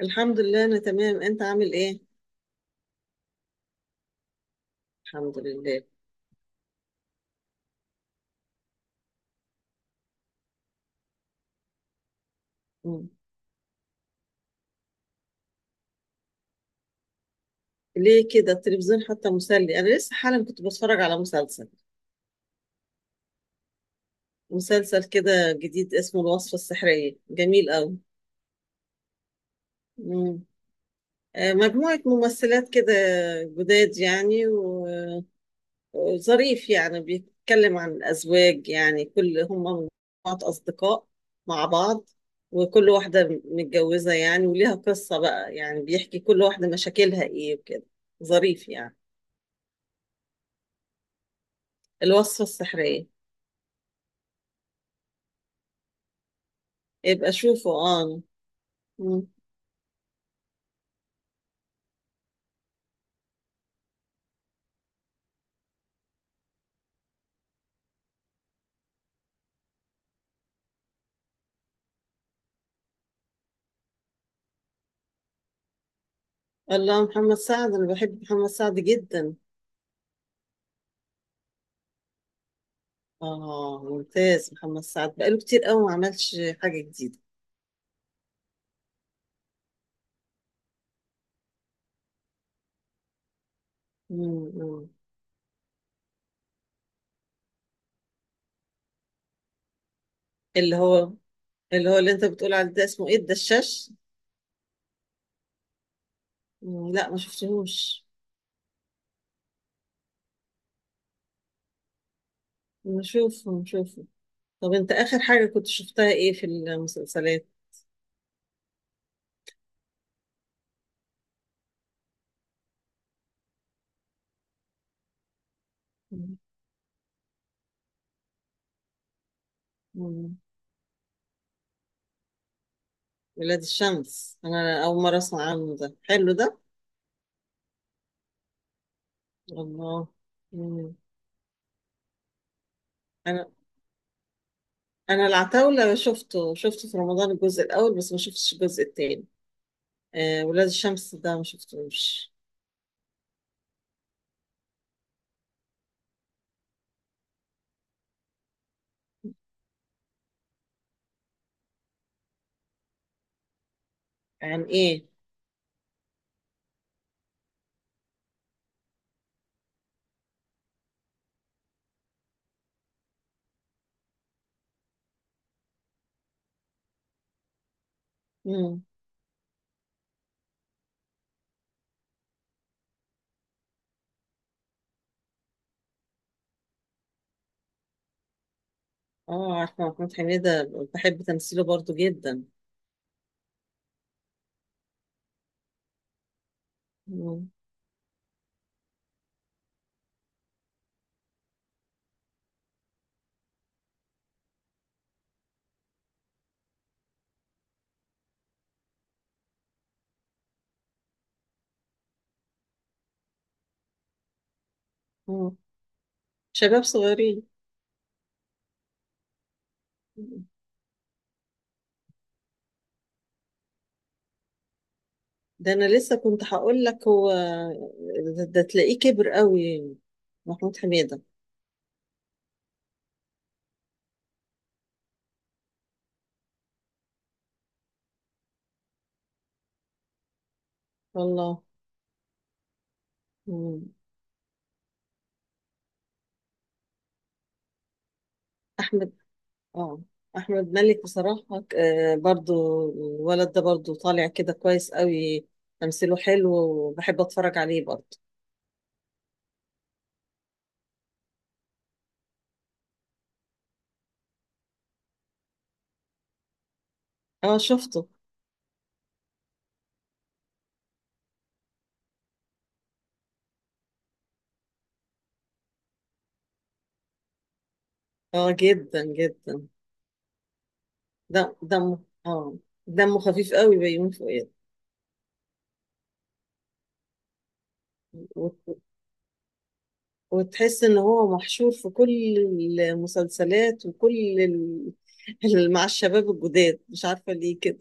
الحمد لله، انا تمام. انت عامل ايه؟ الحمد لله. مم. ليه كده؟ التلفزيون حتى مسلي. انا لسه حالا كنت بتفرج على مسلسل. مسلسل كده جديد اسمه الوصفة السحرية، جميل قوي. مم. مجموعة ممثلات كده، جداد يعني، وظريف يعني. بيتكلم عن الأزواج، يعني كل هم مجموعة أصدقاء مع بعض. وكل واحدة متجوزة يعني وليها قصة بقى، يعني بيحكي كل واحدة مشاكلها ايه وكده. ظريف يعني. الوصفة السحرية. يبقى شوفه، اه. مم. الله، محمد سعد! انا بحب محمد سعد جدا. اه، ممتاز. محمد سعد بقاله كتير قوي ما عملش حاجة جديدة. مم. مم. اللي هو اللي هو اللي انت بتقول عليه ده اسمه ايه؟ الدشاش؟ مم. لا، ما شفتهوش. نشوفه، نشوفه. طب انت اخر حاجة كنت شفتها ايه في المسلسلات؟ مم. مم. ولاد الشمس؟ انا اول مرة اسمع عنه. ده حلو ده. الله. مم. انا انا العتاولة شفته في رمضان الجزء الاول، بس ما شفتش الجزء التاني. آه، ولاد الشمس ده ما شفتوش. عن ايه؟ مم. اه، عارفة محمود حميدة، بحب تمثيله برضو جدا. مم. مم. شباب صغيرين. مم. ده انا لسه كنت هقول لك، هو ده تلاقيه كبر قوي. محمود حميدة. والله. مم. احمد، اه، احمد مالك بصراحة، برضو. الولد ده برضو طالع كده كويس قوي. تمثيله حلو وبحب اتفرج عليه برضو. اه، شفته. اه، جدا جدا. دمه، اه، دمه خفيف قوي بيومي فؤاد. وت- وتحس ان هو محشور في كل المسلسلات، وكل مع الشباب الجداد. مش عارفة ليه كده.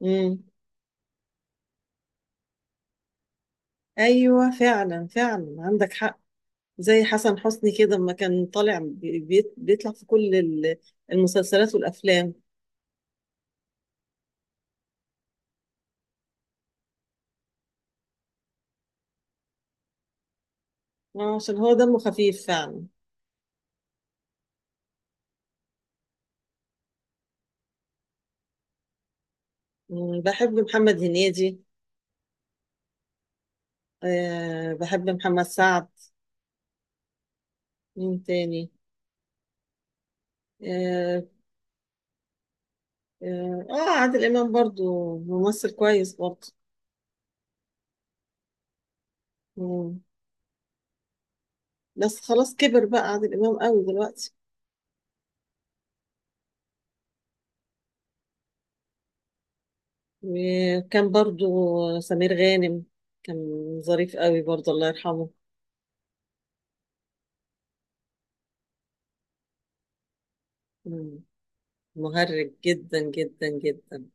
امم. ايوه، فعلا فعلا، عندك حق. زي حسن حسني كده لما كان طالع، بيطلع في كل المسلسلات والأفلام. عشان هو دمه خفيف فعلا. بحب محمد هنيدي. أه، بحب محمد سعد. مين تاني؟ اه، آه، آه، عادل إمام برضو ممثل كويس برضو. مم. بس خلاص، كبر بقى عادل إمام قوي دلوقتي. وكان برضو سمير غانم، كان ظريف قوي برضو، الله يرحمه. مم. مهرج جدا جدا جدا.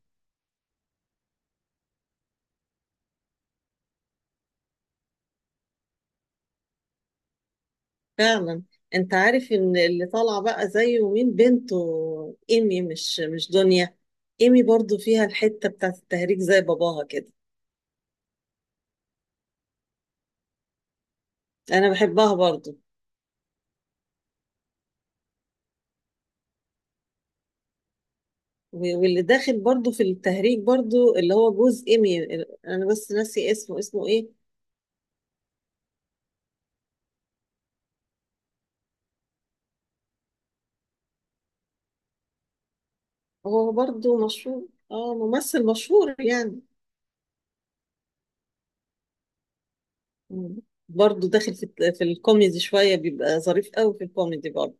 فعلا. انت عارف ان اللي طالعه بقى زيه مين؟ بنته ايمي، مش دنيا. ايمي برضو فيها الحته بتاعت التهريج زي باباها كده. انا بحبها برضو. واللي داخل برضو في التهريج برضو اللي هو جوز ايمي، انا بس ناسي اسمه، اسمه ايه؟ هو برضو مشهور، اه، ممثل مشهور يعني. مم. برضو داخل في في الكوميدي شويه، بيبقى ظريف قوي في الكوميدي برضو.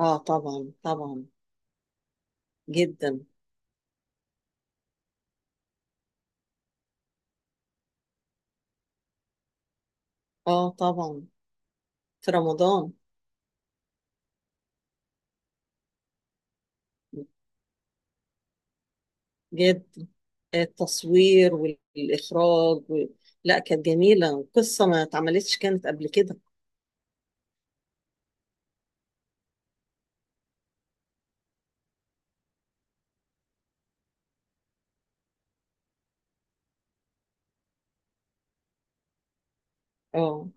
اه، طبعا طبعا. جدا. اه، طبعا. في رمضان. جدا. التصوير والإخراج لا، كانت جميلة. قصة ما اتعملتش كانت قبل كده. اه.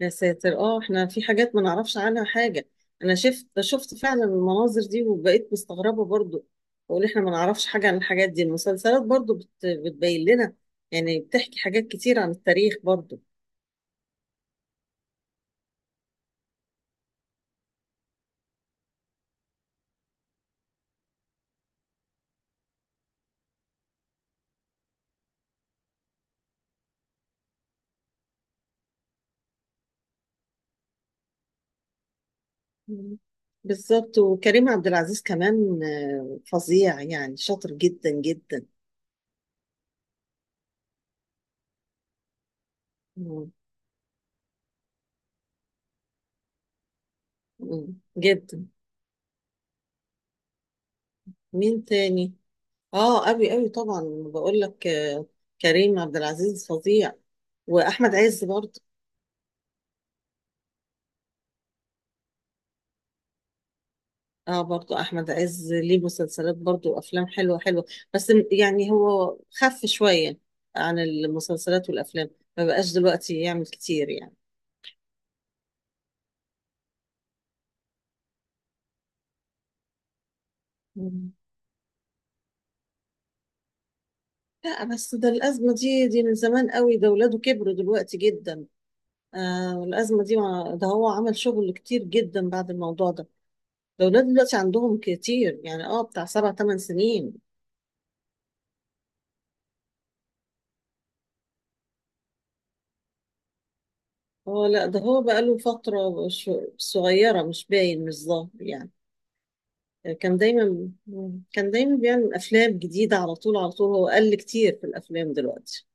يا ساتر، اه، احنا في حاجات ما نعرفش عنها حاجة. انا شفت فعلا المناظر دي وبقيت مستغربة برضو. بقول احنا ما نعرفش حاجة عن الحاجات دي. المسلسلات برضو بتبين لنا، يعني بتحكي حاجات كتير عن التاريخ برضو. مم. بالظبط. وكريم عبد العزيز كمان، فظيع يعني، شاطر جدا جدا. مم. مم. جدا. مين تاني؟ اه، قوي قوي طبعا. بقول لك، كريم عبد العزيز فظيع. واحمد عز برضه. اه، برضه احمد عز ليه مسلسلات برضه، وافلام حلوه حلوه. بس يعني هو خف شويه عن المسلسلات والافلام. ما بقاش دلوقتي يعمل كتير يعني. مم. لا، بس ده الازمه دي من زمان قوي. ده ولاده كبروا دلوقتي جدا. آه الازمه دي، ده هو عمل شغل كتير جدا بعد الموضوع ده. ده ولاده دلوقتي عندهم كتير، يعني اه بتاع 7 8 سنين. اه، لا، ده هو بقاله فترة صغيرة، مش باين، مش ظاهر يعني. كان دايما كان دايما بيعمل أفلام جديدة، على طول على طول. هو قل كتير في الأفلام دلوقتي.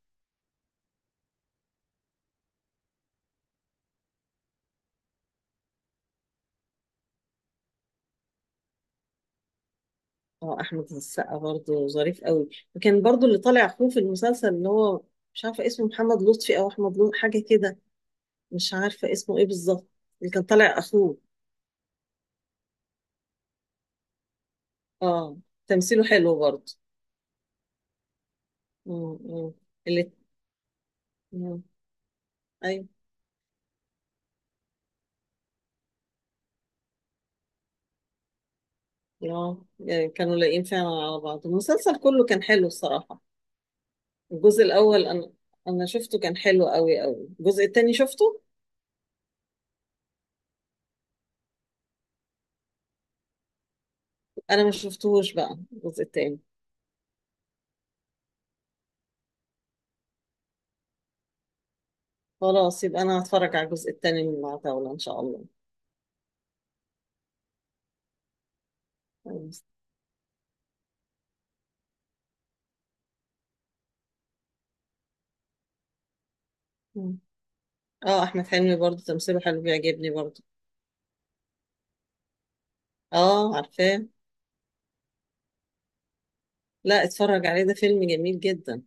اه، أحمد السقا برضه ظريف قوي. وكان برضه اللي طالع أخوه في المسلسل، اللي هو مش عارفة اسمه محمد لطفي أو أحمد لطفي، حاجة كده. مش عارفة اسمه إيه بالظبط. اللي كان طالع أخوه. اه، تمثيله حلو برضه. مم، مم. اللي. مم. أيوه. اه، يعني كانوا لايقين فعلا على بعض. المسلسل كله كان حلو الصراحة. الجزء الاول، انا شفته كان حلو قوي قوي. الجزء التاني شفته. انا ما شفتهوش بقى الجزء التاني. خلاص، يبقى انا هتفرج على الجزء التاني من العتاولة ان شاء الله. خلاص. مم. اه، احمد حلمي برضه تمثيله حلو، بيعجبني برضه. اه، عارفاه. لا، اتفرج عليه، ده فيلم جميل جدا.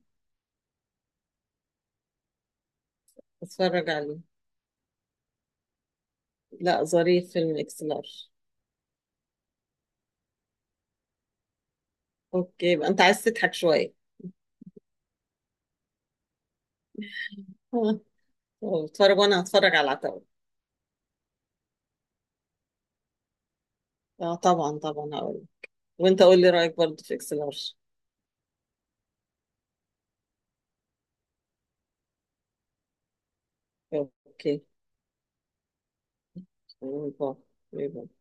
اتفرج عليه. لا، ظريف فيلم اكس لارج. اوكي، يبقى انت عايز تضحك شويه. آه. طب، اتفرج وانا هتفرج على العتاولة. اه، طبعا طبعا هقول. وانت قول لي رايك برضه في اكس لارج. اوكي. أنا أبغى. ليه بعدين؟